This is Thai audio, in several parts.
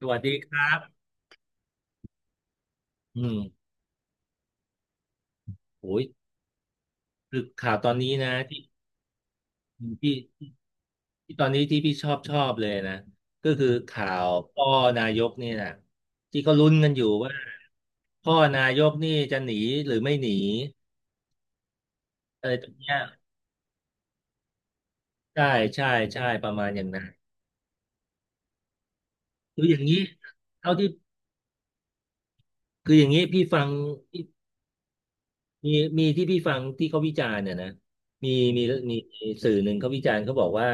สวัสดีครับอืมโอ้ยคือข่าวตอนนี้นะที่ที่ตอนนี้ที่พี่ชอบเลยนะ ก็คือข่าวพ่อนายกนี่นะที่เขาลุ้นกันอยู่ว่าพ่อนายกนี่จะหนีหรือไม่หนีอะไรตรงเนี้ยใช่ใช่ใช่ประมาณอย่างนั้นคืออย่างนี้เท่าที่คืออย่างนี้พี่ฟัง มีมีที่พี่ฟังที่เขาวิจารณ์เนี่ยนะมีมีมีสื่อหนึ่งเขาวิจารณ์เขาบอกว่า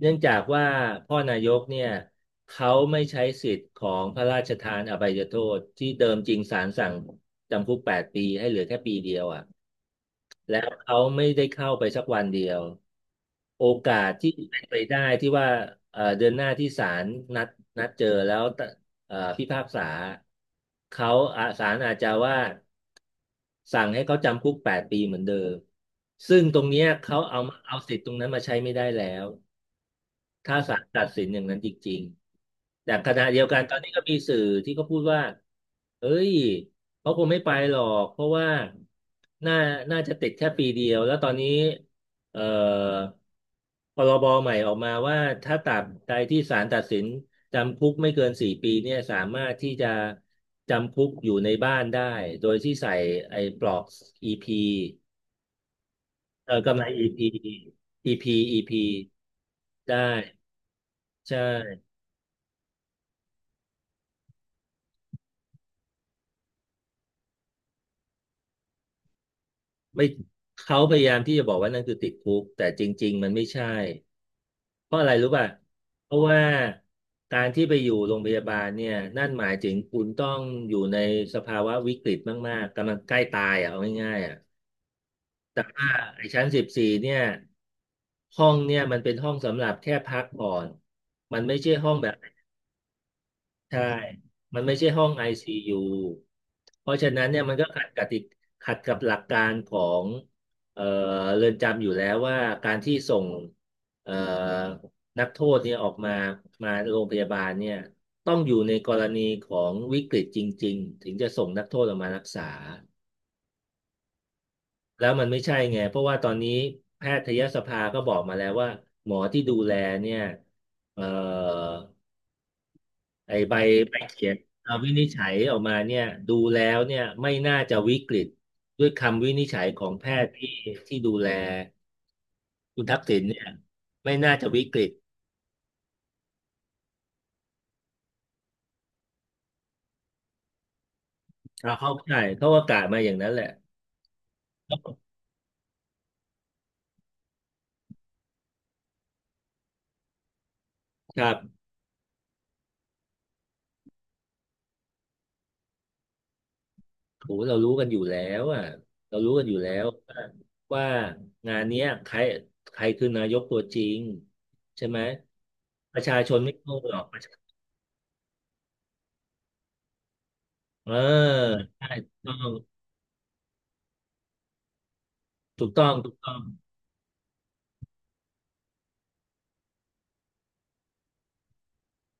เนื่องจากว่าพ่อนายกเนี่ยเขาไม่ใช้สิทธิ์ของพระราชทานอภัยโทษที่เดิมจริงศาลสั่งจำคุกแปดปีให้เหลือแค่ปีเดียวอ่ะ แล้วเขาไม่ได้เข้าไปสักวันเดียวโอกาสที่เป็นไปได้ที่ว่าเดือนหน้าที่ศาลนัดนัดเจอแล้วตะพิพากษาเขาอ่ะศาลอาจจะว่าสั่งให้เขาจำคุกแปดปีเหมือนเดิมซึ่งตรงเนี้ยเขาเอาสิทธิ์ตรงนั้นมาใช้ไม่ได้แล้ว ถ้าศาลตัดสินอย่างนั้นจริงๆ แต่ขณะเดียวกันตอนนี้ก็มีสื่อที่เขาพูดว่าเอ้ยเขาคงไม่ไปหรอก เพราะว่า น่าน่าจะติดแค่ปีเดียว แล้วตอนนี้เอ่อพรบใหม่ออกมาว่าถ้าตราบใดที่ศาลตัดสินจำคุกไม่เกินสี่ปีเนี่ยสามารถที่จะจำคุกอยู่ในบ้านได้โดยที่ใส่ไอ้ปลอก EP เออกำไร EP EP EP ได้ใช่ ไม่เขาพยายามที่จะบอกว่านั่นคือติดคุกแต่จริงๆมันไม่ใช่เพราะอะไรรู้ป่ะเพราะว่าการที่ไปอยู่โรงพยาบาลเนี่ยนั่นหมายถึงคุณต้องอยู่ในสภาวะวิกฤตมากๆกำลังใกล้ตายอ่ะเอาง่ายๆอ่ะแต่ว่าไอ้ชั้นสิบสี่เนี่ยห้องเนี่ยมันเป็นห้องสำหรับแค่พักผ่อนมันไม่ใช่ห้องแบบ ใช่ มันไม่ใช่ห้อง ICU เพราะฉะนั้นเนี่ยมันก็ขัดกติขัดกับหลักการของเอ่อเรือนจำอยู่แล้วว่าการที่ส่งเอ่อนักโทษเนี่ยออกมามาโรงพยาบาลเนี่ยต้องอยู่ในกรณีของวิกฤตจริงๆถึงจะส่งนักโทษออกมารักษาแล้วมันไม่ใช่ไงเพราะว่าตอนนี้แพทยสภาก็บอกมาแล้วว่าหมอที่ดูแลเนี่ยเอ่อ ไอ้ใบใบเขียนวินิจฉัยออกมาเนี่ยดูแล้วเนี่ยไม่น่าจะวิกฤตด้วยคำวินิจฉัยของแพทย์ที่ที่ดูแลคุณทักษิณเนี่ยไม่น่าจะวิกฤตเราเข้าใจเขาอากาศมาอย่างนั้นแหละครับโหเรารู้กันอยู่แล้วอ่ะเรารู้กันอยู่แล้วว่าว่างานเนี้ยใครใครคือนายกตัวจริงใช่ไหมประชาชนไม่โง่หรอกประชาเออใช่ถูกต้อง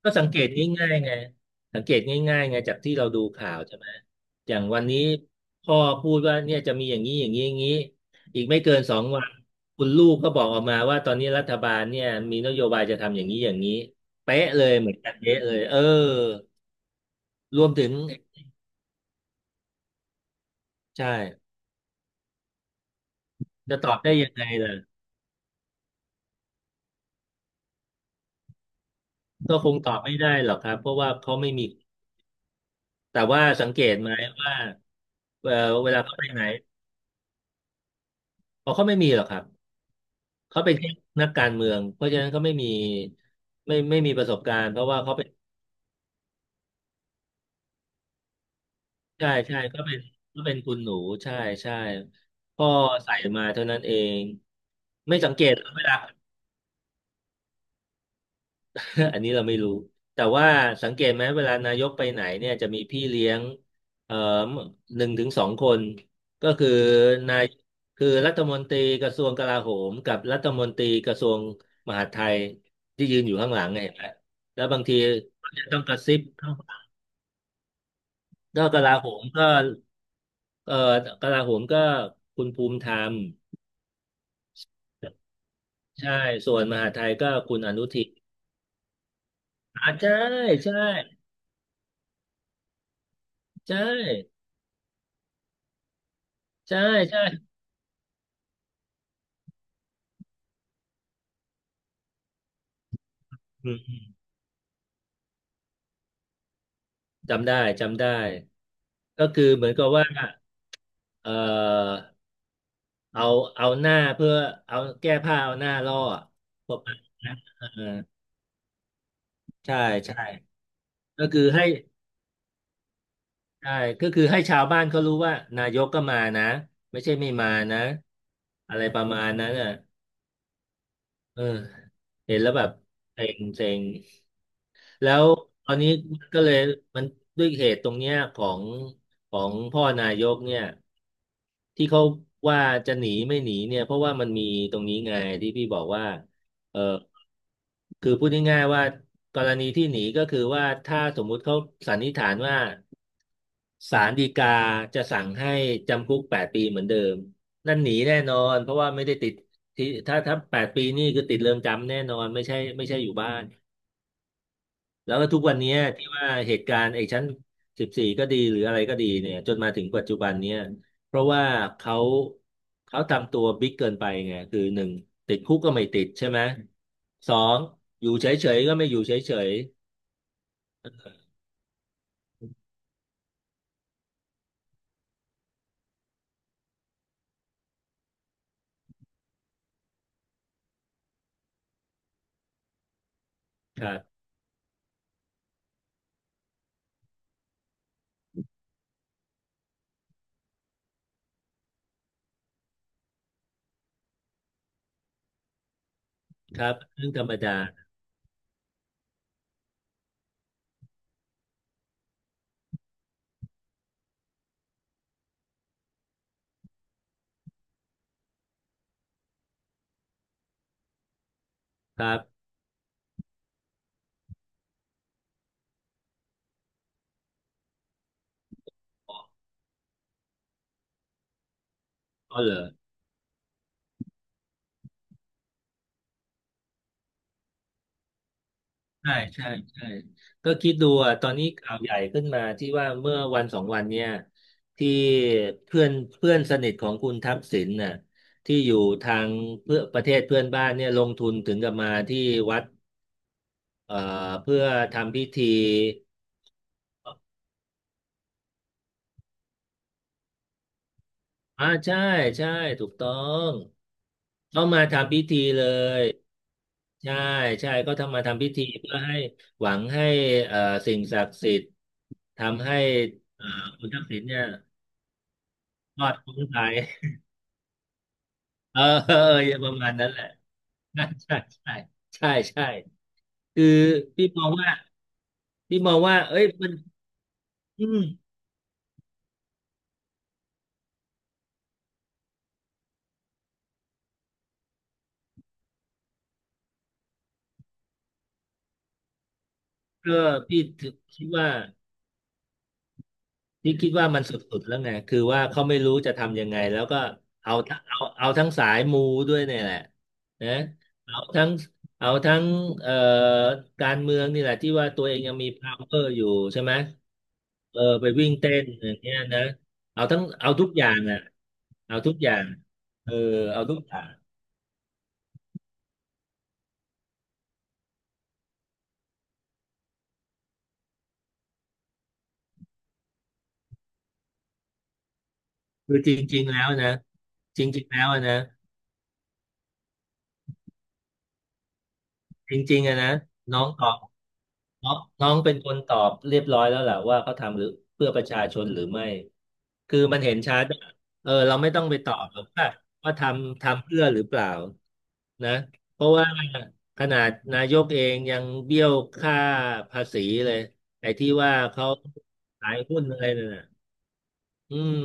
ก็สังเกตง่ายๆไงสังเกตง่ายๆไงจากที่เราดูข่าวใช่ไหมอย่างวันนี้พ่อพูดว่าเนี่ยจะมีอย่างนี้อย่างนี้อย่างนี้อีกไม่เกินสองวันคุณลูกก็บอกออกมาว่าตอนนี้รัฐบาลเนี่ยมีนโยบายจะทำอย่างนี้อย่างนี้เป๊ะเลยเหมือนกันเป๊ะเลยเออรวมถึงใช่จะตอบได้ยังไงล่ะก็คงตอบไม่ได้หรอกครับเพราะว่าเขาไม่มีแต่ว่าสังเกตไหมว่าเออเวลาเขาไปไหนอ๋อเขาไม่มีหรอกครับ เขาเป็นแค่นักการเมืองเพราะฉะนั้นเขาไม่มีประสบการณ์เพราะว่าเขาเป็นใช่ใช่ก็เป็นคุณหนูใช่ใช่พ่อใส่มาเท่านั้นเองไม่สังเกตเหรอเวลา อันนี้เราไม่รู้แต่ว่าสังเกตไหมเวลานายกไปไหนเนี่ยจะมีพี่เลี้ยงเอ่อหนึ่งถึงสองคนก็คือนายคือรัฐมนตรีกระทรวงกลาโหมกับรัฐมนตรีกระทรวงมหาดไทยที่ยืนอยู่ข้างหลังไงเห็นไหมแล้วบางทีก็จะต้องกระซิบ ก็กลาโหมก็เออกลาโหมก็คุณภูมิธรรมใช่ส่วนมหาดไทยก็คุณอนุทินอ่าใช่ใช่ใช่ใช่อืมจำได้จำได้ก็คือเหมือนกับว่าเออเอาเอาหน้าเพื่อเอาแก้ผ้าเอาหน้าล่อประมาณนั้นเออใช่ใช่ก็คือให้ใช่ก็คือให้ชาวบ้านเขารู้ว่านายกก็มานะไม่ใช่ไม่มานะอะไรประมาณนั้นอ่ะ เออเห็นแล้วแบบเซ็งเซ็ง แล้วตอนนี้ก็เลยมันด้วยเหตุตรงเนี้ยของพ่อนายกเนี่ยที่เขาว่าจะหนีไม่หนีเนี่ยเพราะว่ามันมีตรงนี้ไงที่พี่บอกว่าเออคือพูดง่ายๆว่ากรณีที่หนีก็คือว่าถ้าสมมุติเขาสันนิษฐานว่าศาลฎีกาจะสั่งให้จำคุกแปดปีเหมือนเดิมนั่นหนีแน่นอนเพราะว่าไม่ได้ติดที่ถ้าแปดปีนี่คือติดเรือนจำแน่นอนไม่ใช่ไม่ใช่อยู่บ้าน แล้วก็ทุกวันเนี้ยที่ว่าเหตุการณ์ไอ้ชั้น14ก็ดีหรืออะไรก็ดีเนี่ยจนมาถึงปัจจุบันเนี้ยเพราะว่าเขาเขาทำตัวบิ๊กเกินไปไงคือ1ติดคุกก็ไม่ติดใช่ไหมสองอยู่เฉยๆก็ไม่อยู่เฉยๆครับครับเรื่องธรรมดาครับอ๋อเหรอ ใช่ใช่ใช่ก็คิดดูอ่ะตอนนี้ข่าวใหญ่ขึ้นมาที่ว่าเมื่อวันสองวันเนี่ยที่เพื่อนเพื่อนสนิทของคุณทักษิณน่ะที่อยู่ทางเพื่อประเทศเพื่อนบ้านเนี่ยลงทุนถึงกับมาที่วัดเอ่อเพื่อทำพิธีอ่าใช่ใช่ถูกต้องเขามาทำพิธีเลยใช่ใช่ก็ทำมาทำพิธีเพื่อให้หวังให้เอ่อสิ่งศักดิ์สิทธิ์ทำให้เอ่อคุณทักษิณเนี่ย ยอดของไทยเออเออประมาณนั้นแหละใช่ใช่ใช่ใช่ใช่คือพี่มองว่าพี่มองว่าเอ้ยมันอืมเออพี่ถึงคิดว่าพี่คิดว่ามันสุดๆแล้วไงคือว่าเขาไม่รู้จะทำยังไงแล้วก็เอาทั้งสายมูด้วยเนี่ยแหละนะเอาทั้งเอาทั้งเอ่อการเมืองนี่แหละที่ว่าตัวเองยังมี power อยู่ใช่ไหม เออไปวิ่งเต้นอย่างเงี้ยนะเอาทุกอย่างอ่ะเอาทุกอย่างเออเอาทุกอย่างคือจริงๆแล้วนะจริงๆแล้วอะนะจริงๆอะนะน้องตอง น้องน้องเป็นคนตอบเรียบร้อยแล้วแหละว่าเขาทำหรือเพื่อประชาชนหรือไม่คือมันเห็นชัดอะเออเราไม่ต้องไปตอบหรอกว่าว่าทำเพื่อหรือเปล่านะเพราะว่าขนาดนายกเองยังเบี้ยวค่าภาษีเลยไอ้ที่ว่าเขาขายหุ้นอะไรนั่นน่ะอืม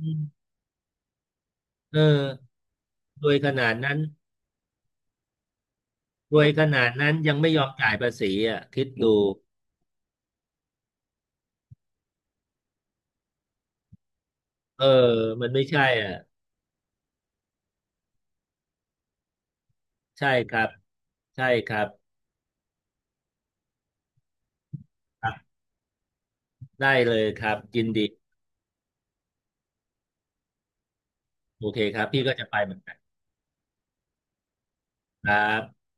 อืมเออรวยขนาดนั้นรวยขนาดนั้นยังไม่ยอมจ่ายภาษีอ่ะคิดดูเออมันไม่ใช่อ่ะใช่ครับใช่ครับ ได้เลยครับยินดีโอเคครับพี่ก็จะไปเหมือนกันครับ